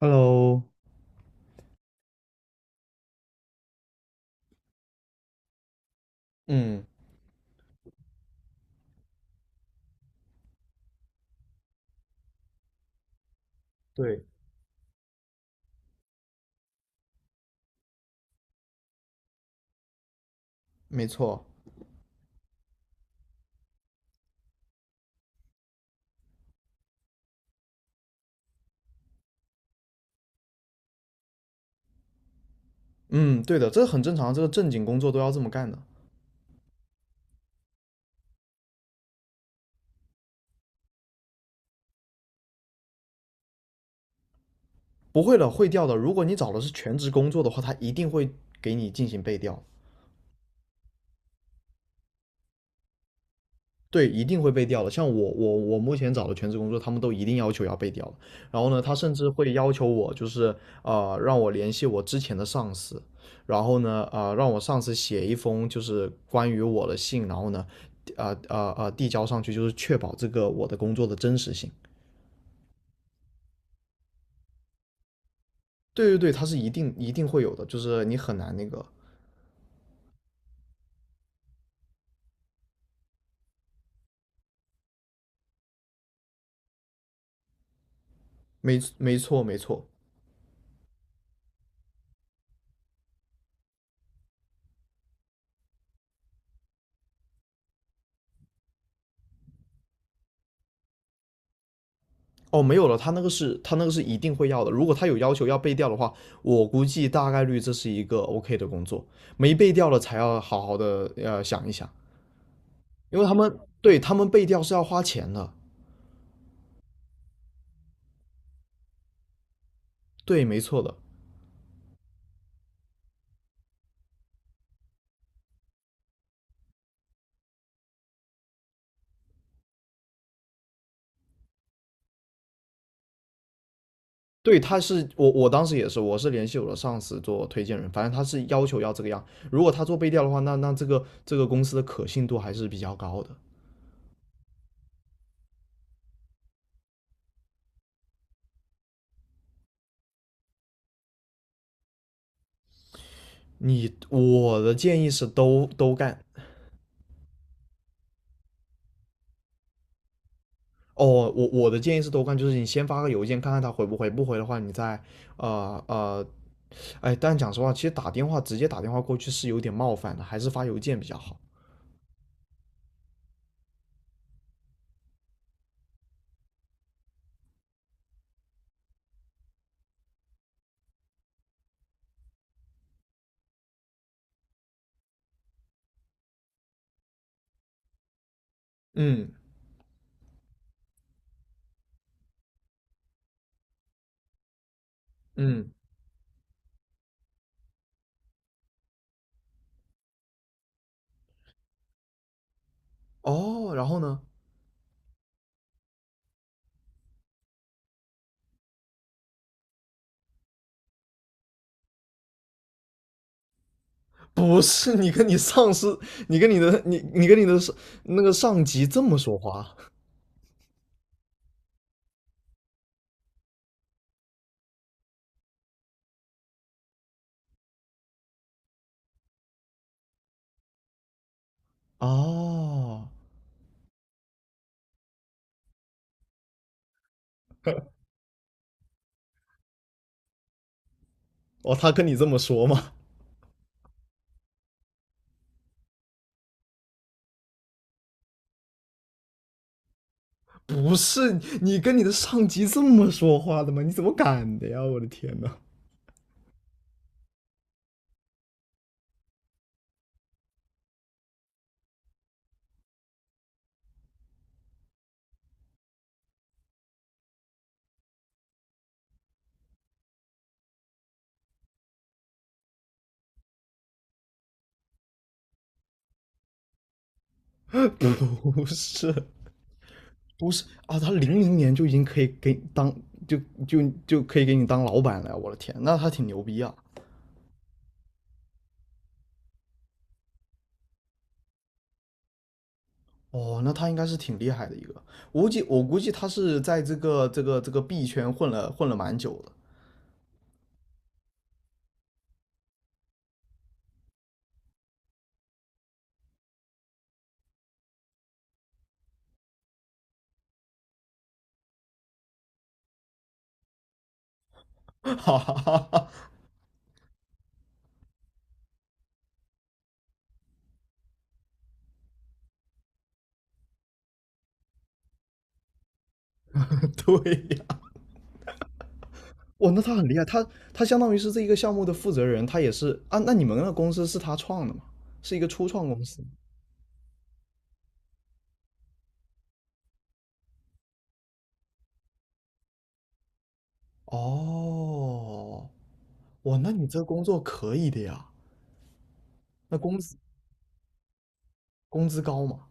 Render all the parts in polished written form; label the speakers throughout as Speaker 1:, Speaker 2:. Speaker 1: Hello，嗯，对，没错，嗯，对的，这很正常，这个正经工作都要这么干的。不会的会调的。如果你找的是全职工作的话，他一定会给你进行背调，对，一定会背调的。像我，我目前找的全职工作，他们都一定要求要背调的。然后呢，他甚至会要求我，就是让我联系我之前的上司，然后呢，让我上司写一封就是关于我的信，然后呢，递交上去，就是确保这个我的工作的真实性。对对对，他是一定会有的，就是你很难那个，没没错没错。哦，没有了，他那个是一定会要的。如果他有要求要背调的话，我估计大概率这是一个 OK 的工作。没背调了才要好好的想一想，因为他们对他们背调是要花钱的。对，没错的。对，他是我当时也是，我是联系我的上司做推荐人，反正他是要求要这个样。如果他做背调的话，那这个公司的可信度还是比较高的。你我的建议是都干。哦，我我的建议是都干，就是你先发个邮件看看他回不回，不回的话你再呃呃，哎，但讲实话，其实打电话直接打电话过去是有点冒犯的，还是发邮件比较好。嗯嗯，哦，然后呢？不是你跟你上司，你跟你的你跟你的上那个上级这么说话。哦，哦，他跟你这么说吗？不是你跟你的上级这么说话的吗？你怎么敢的呀？我的天呐，不是，不是啊，他零零年就已经可以给当就就可以给你当老板了呀！我的天，那他挺牛逼啊！哦，那他应该是挺厉害的一个，我估计他是在这个币圈混了蛮久的。哈哈哈哈，对呀，哇，那他很厉害，他相当于是这一个项目的负责人，他也是啊，那你们那个公司是他创的吗？是一个初创公司。哦，哇，那你这工作可以的呀。那工资高嘛？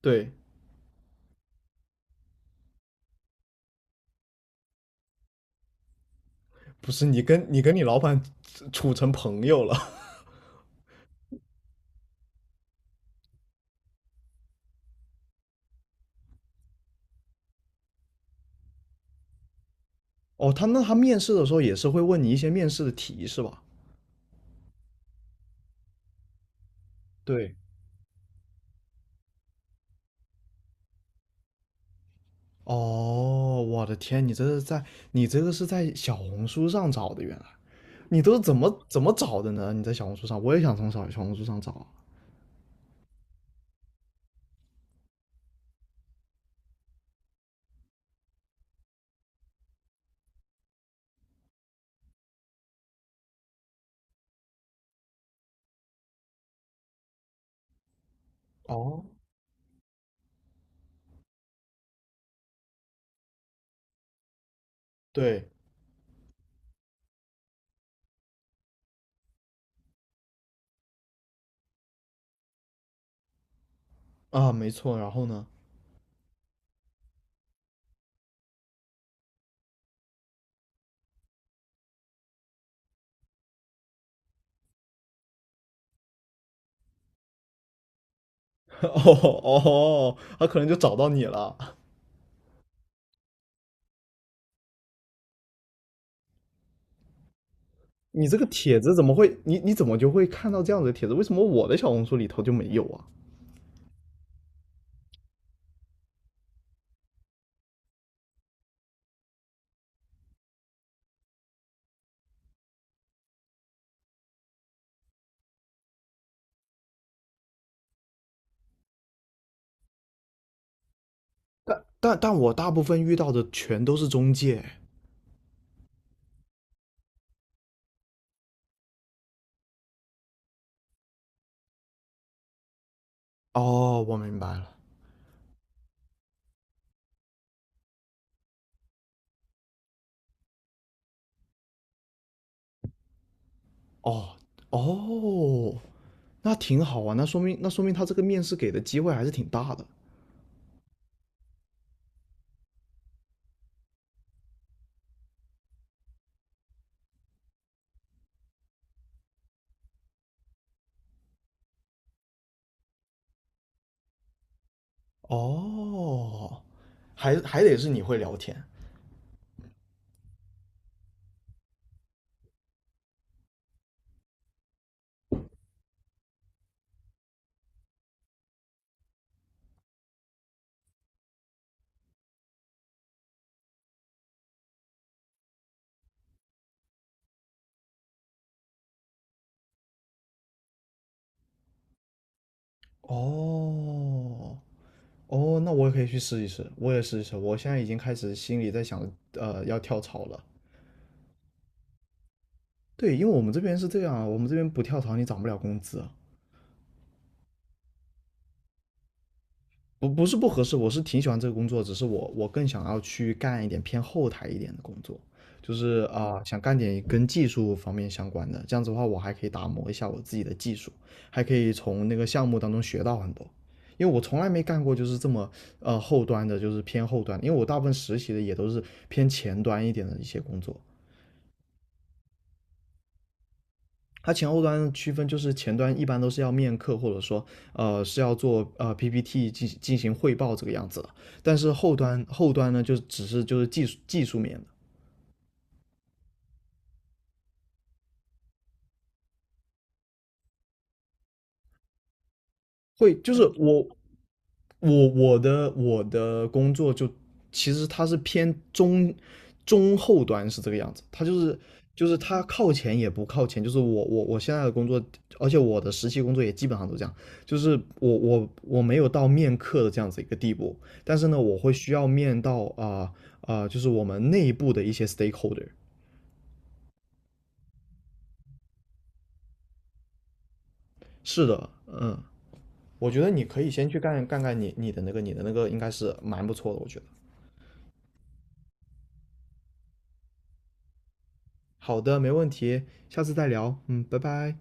Speaker 1: 对，不是你跟你老板处成朋友了？哦，他那他面试的时候也是会问你一些面试的题是吧？对，哦，我的天，你这是在你这个是在小红书上找的，原来你都是怎么找的呢？你在小红书上，我也想从小红书上找啊。哦，对啊，没错，然后呢？哦哦，他可能就找到你了。你这个帖子怎么会？你你怎么就会看到这样的帖子？为什么我的小红书里头就没有啊？但我大部分遇到的全都是中介。哦，我明白了。哦哦，那挺好啊，那说明他这个面试给的机会还是挺大的。哦，还得是你会聊天。哦哦，那我也可以去试一试，我也试一试。我现在已经开始心里在想，要跳槽了。对，因为我们这边是这样啊，我们这边不跳槽你涨不了工资啊，不是不合适，我是挺喜欢这个工作，只是我更想要去干一点偏后台一点的工作，就是啊、想干点跟技术方面相关的，这样子的话我还可以打磨一下我自己的技术，还可以从那个项目当中学到很多，因为我从来没干过就是这么后端的，就是偏后端，因为我大部分实习的也都是偏前端一点的一些工作。它前后端区分就是前端一般都是要面客，或者说是要做PPT 进行汇报这个样子的，但是后端呢就只是就是技术面的，会就是我的工作就其实它是偏中后端是这个样子，它就是就是它靠前也不靠前，就是我现在的工作，而且我的实习工作也基本上都这样，就是我没有到面客的这样子一个地步，但是呢，我会需要面到就是我们内部的一些 stakeholder。是的，嗯，我觉得你可以先去干你的那个你的那个应该是蛮不错的，我觉得。好的，没问题，下次再聊，嗯，拜拜。